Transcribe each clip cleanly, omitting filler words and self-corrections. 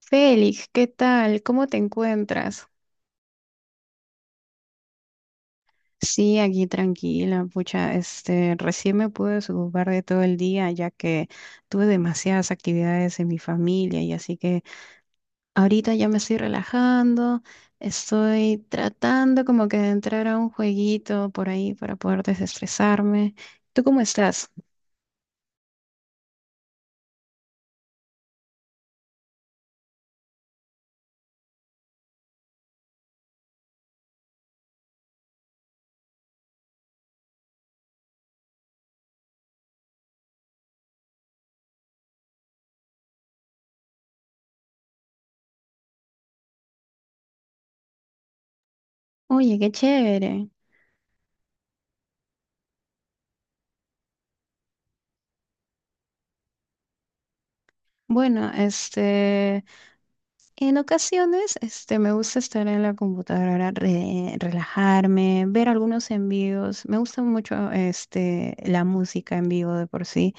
Félix, ¿qué tal? ¿Cómo te encuentras? Sí, aquí tranquila, pucha, recién me pude desocupar de todo el día, ya que tuve demasiadas actividades en mi familia, y así que ahorita ya me estoy relajando. Estoy tratando como que de entrar a un jueguito por ahí para poder desestresarme. ¿Tú cómo estás? Oye, qué chévere. Bueno, este... En ocasiones, me gusta estar en la computadora, relajarme, ver algunos envíos. Me gusta mucho, la música en vivo de por sí.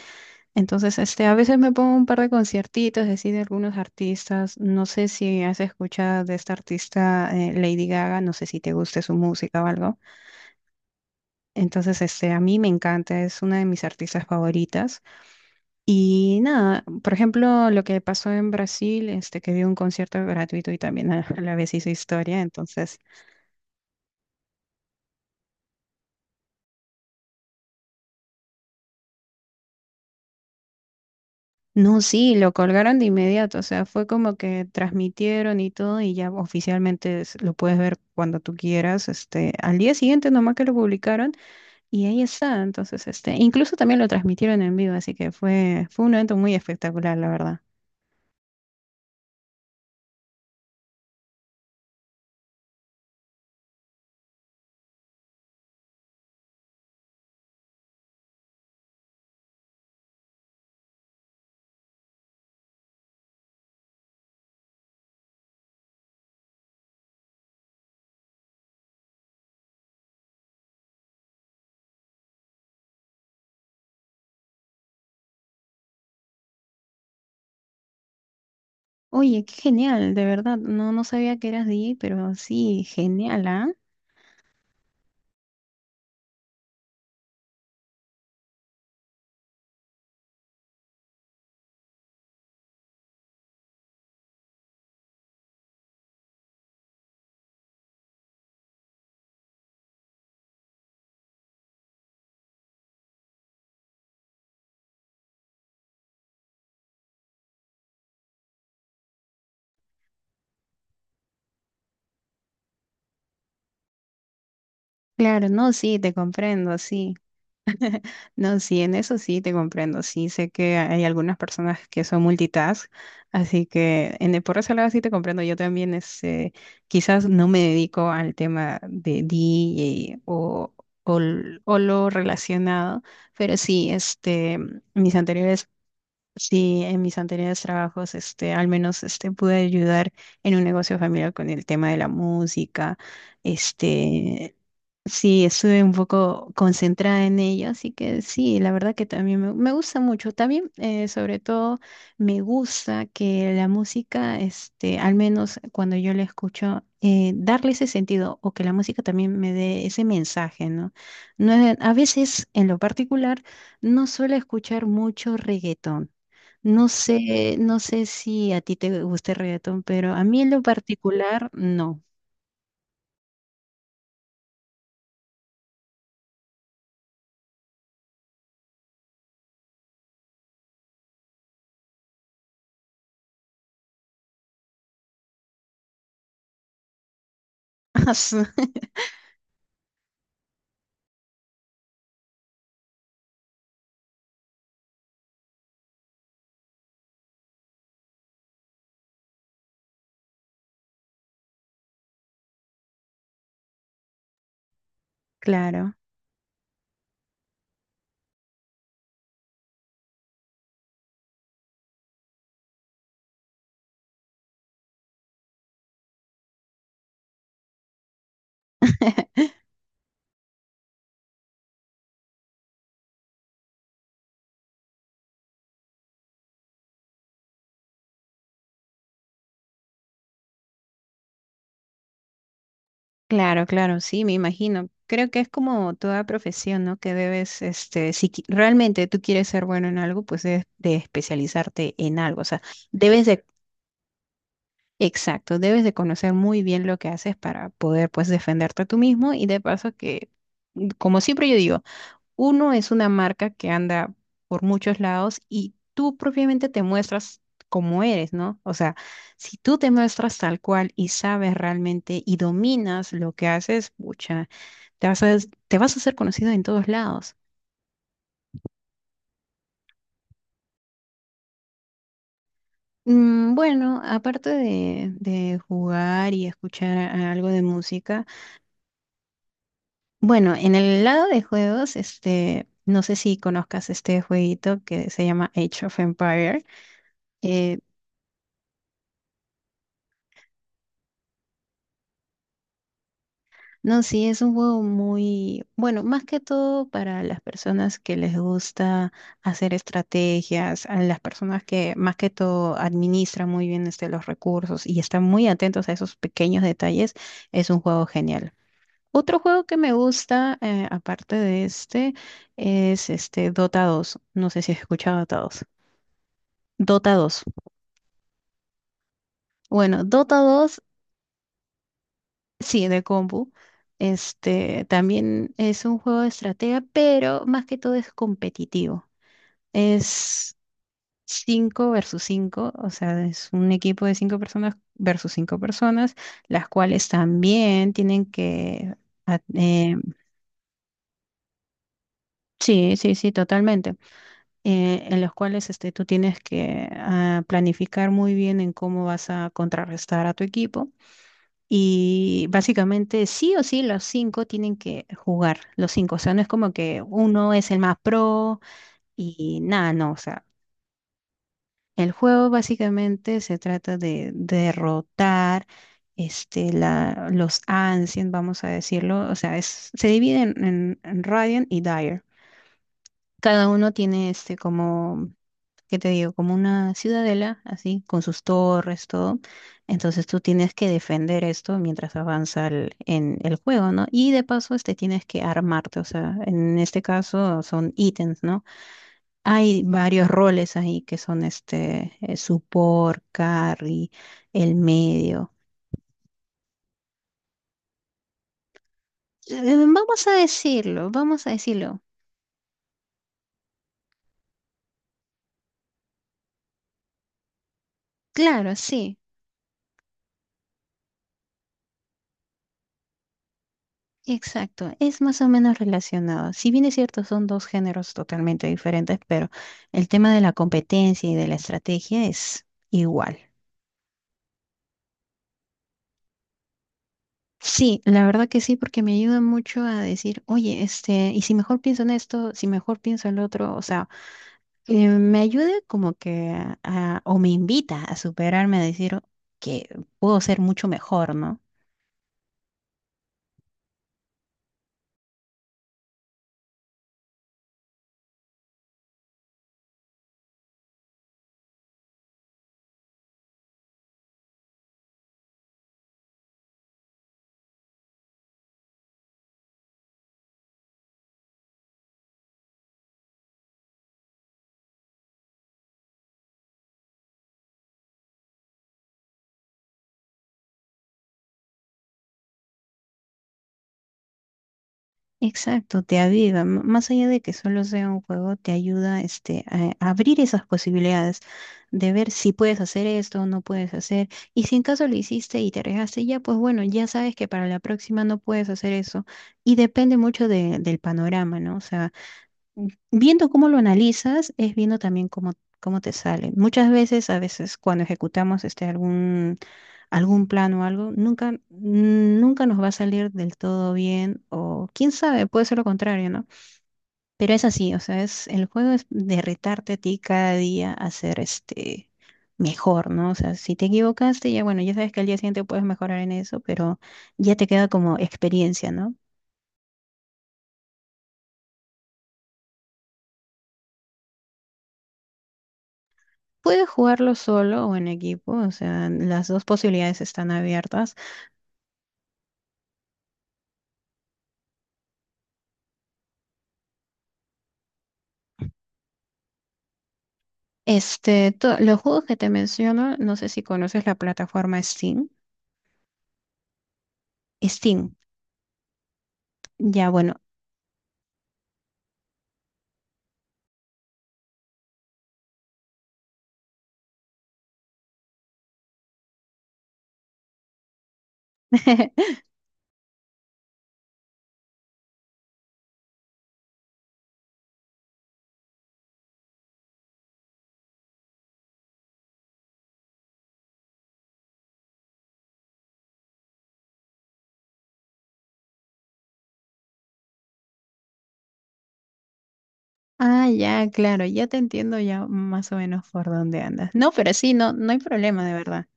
Entonces, a veces me pongo un par de conciertitos, así, de algunos artistas. No sé si has escuchado de esta artista, Lady Gaga. No sé si te guste su música o algo. Entonces, a mí me encanta. Es una de mis artistas favoritas. Y nada, por ejemplo, lo que pasó en Brasil, que dio un concierto gratuito y también a la vez hizo historia, entonces, no, sí, lo colgaron de inmediato, o sea, fue como que transmitieron y todo, y ya oficialmente lo puedes ver cuando tú quieras, al día siguiente nomás que lo publicaron y ahí está. Entonces, incluso también lo transmitieron en vivo, así que fue, fue un evento muy espectacular, la verdad. Oye, qué genial, de verdad, no, no sabía que eras DJ, pero sí, genial, ah. Claro, no, sí, te comprendo, sí. No, sí, en eso sí te comprendo. Sí, sé que hay algunas personas que son multitask, así que en el, por ese lado sí te comprendo. Yo también, quizás no me dedico al tema de DJ o, o lo relacionado, pero sí, mis anteriores, sí, en mis anteriores trabajos, al menos, pude ayudar en un negocio familiar con el tema de la música. Este, sí, estuve un poco concentrada en ello, así que sí, la verdad que también me gusta mucho. También, sobre todo, me gusta que la música, al menos cuando yo la escucho, darle ese sentido, o que la música también me dé ese mensaje, ¿no? No, a veces, en lo particular, no suelo escuchar mucho reggaetón. No sé, no sé si a ti te gusta el reggaetón, pero a mí en lo particular, no. Claro. Claro, claro, sí, me imagino. Creo que es como toda profesión, ¿no? Que debes, este, si qui- realmente tú quieres ser bueno en algo, pues debes de especializarte en algo. O sea, debes de, exacto, debes de conocer muy bien lo que haces para poder, pues, defenderte tú mismo. Y de paso que, como siempre yo digo, uno es una marca que anda por muchos lados, y tú propiamente te muestras como eres, ¿no? O sea, si tú te muestras tal cual y sabes realmente y dominas lo que haces, pucha. Te vas a, te vas a hacer conocido en todos lados. Mm, bueno, aparte de jugar y escuchar algo de música, bueno, en el lado de juegos, no sé si conozcas este jueguito que se llama Age of Empire. No, sí, es un juego muy bueno, más que todo para las personas que les gusta hacer estrategias, a las personas que más que todo administran muy bien, los recursos, y están muy atentos a esos pequeños detalles. Es un juego genial. Otro juego que me gusta, aparte de este, es este Dota 2. No sé si has escuchado Dota 2. Dota 2. Bueno, Dota 2. Sí, de compu. Este también es un juego de estrategia, pero más que todo es competitivo. Es 5 versus 5, o sea, es un equipo de 5 personas versus 5 personas, las cuales también tienen que... a- eh, sí, sí, sí, totalmente. En los cuales, tú tienes que planificar muy bien en cómo vas a contrarrestar a tu equipo. Y básicamente sí o sí los cinco tienen que jugar, los cinco. O sea, no es como que uno es el más pro y nada, no. O sea, el juego básicamente se trata de derrotar, los Ancients, vamos a decirlo. O sea, es, se dividen en Radiant y Dire. Cada uno tiene este como, ¿qué te digo? Como una ciudadela, así, con sus torres, todo. Entonces tú tienes que defender esto mientras avanza el, en el juego, ¿no? Y de paso, este tienes que armarte, o sea, en este caso son ítems, ¿no? Hay varios roles ahí que son este, support, carry, el medio. Vamos a decirlo, vamos a decirlo. Claro, sí. Exacto, es más o menos relacionado. Si bien es cierto, son dos géneros totalmente diferentes, pero el tema de la competencia y de la estrategia es igual. Sí, la verdad que sí, porque me ayuda mucho a decir, oye, este, y si mejor pienso en esto, si mejor pienso en lo otro, o sea, me ayuda como que o me invita a superarme, a decir que puedo ser mucho mejor, ¿no? Exacto, te aviva, más allá de que solo sea un juego, te ayuda este, a abrir esas posibilidades de ver si puedes hacer esto o no puedes hacer. Y si en caso lo hiciste y te arriesgaste, ya pues bueno, ya sabes que para la próxima no puedes hacer eso. Y depende mucho del panorama, ¿no? O sea, viendo cómo lo analizas, es viendo también cómo, cómo te sale. Muchas veces, a veces cuando ejecutamos este algún plan o algo, nunca nos va a salir del todo bien, o quién sabe, puede ser lo contrario, ¿no? Pero es así, o sea, es, el juego es de retarte a ti cada día a ser este mejor, ¿no? O sea, si te equivocaste, ya bueno, ya sabes que al día siguiente puedes mejorar en eso, pero ya te queda como experiencia, ¿no? Puedes jugarlo solo o en equipo, o sea, las dos posibilidades están abiertas. Este, los juegos que te menciono, no sé si conoces la plataforma Steam. Steam, ya bueno. Ah, ya, claro, ya te entiendo ya más o menos por dónde andas. No, pero sí, no, no hay problema, de verdad.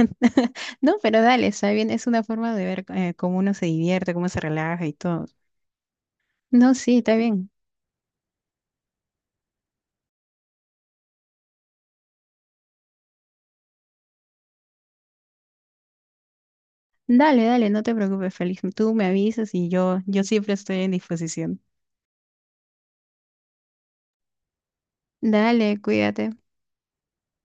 No, pero dale, está bien, es una forma de ver, cómo uno se divierte, cómo se relaja y todo. No, sí, está bien. Dale, dale, no te preocupes, Félix. Tú me avisas, y yo, siempre estoy en disposición. Dale, cuídate.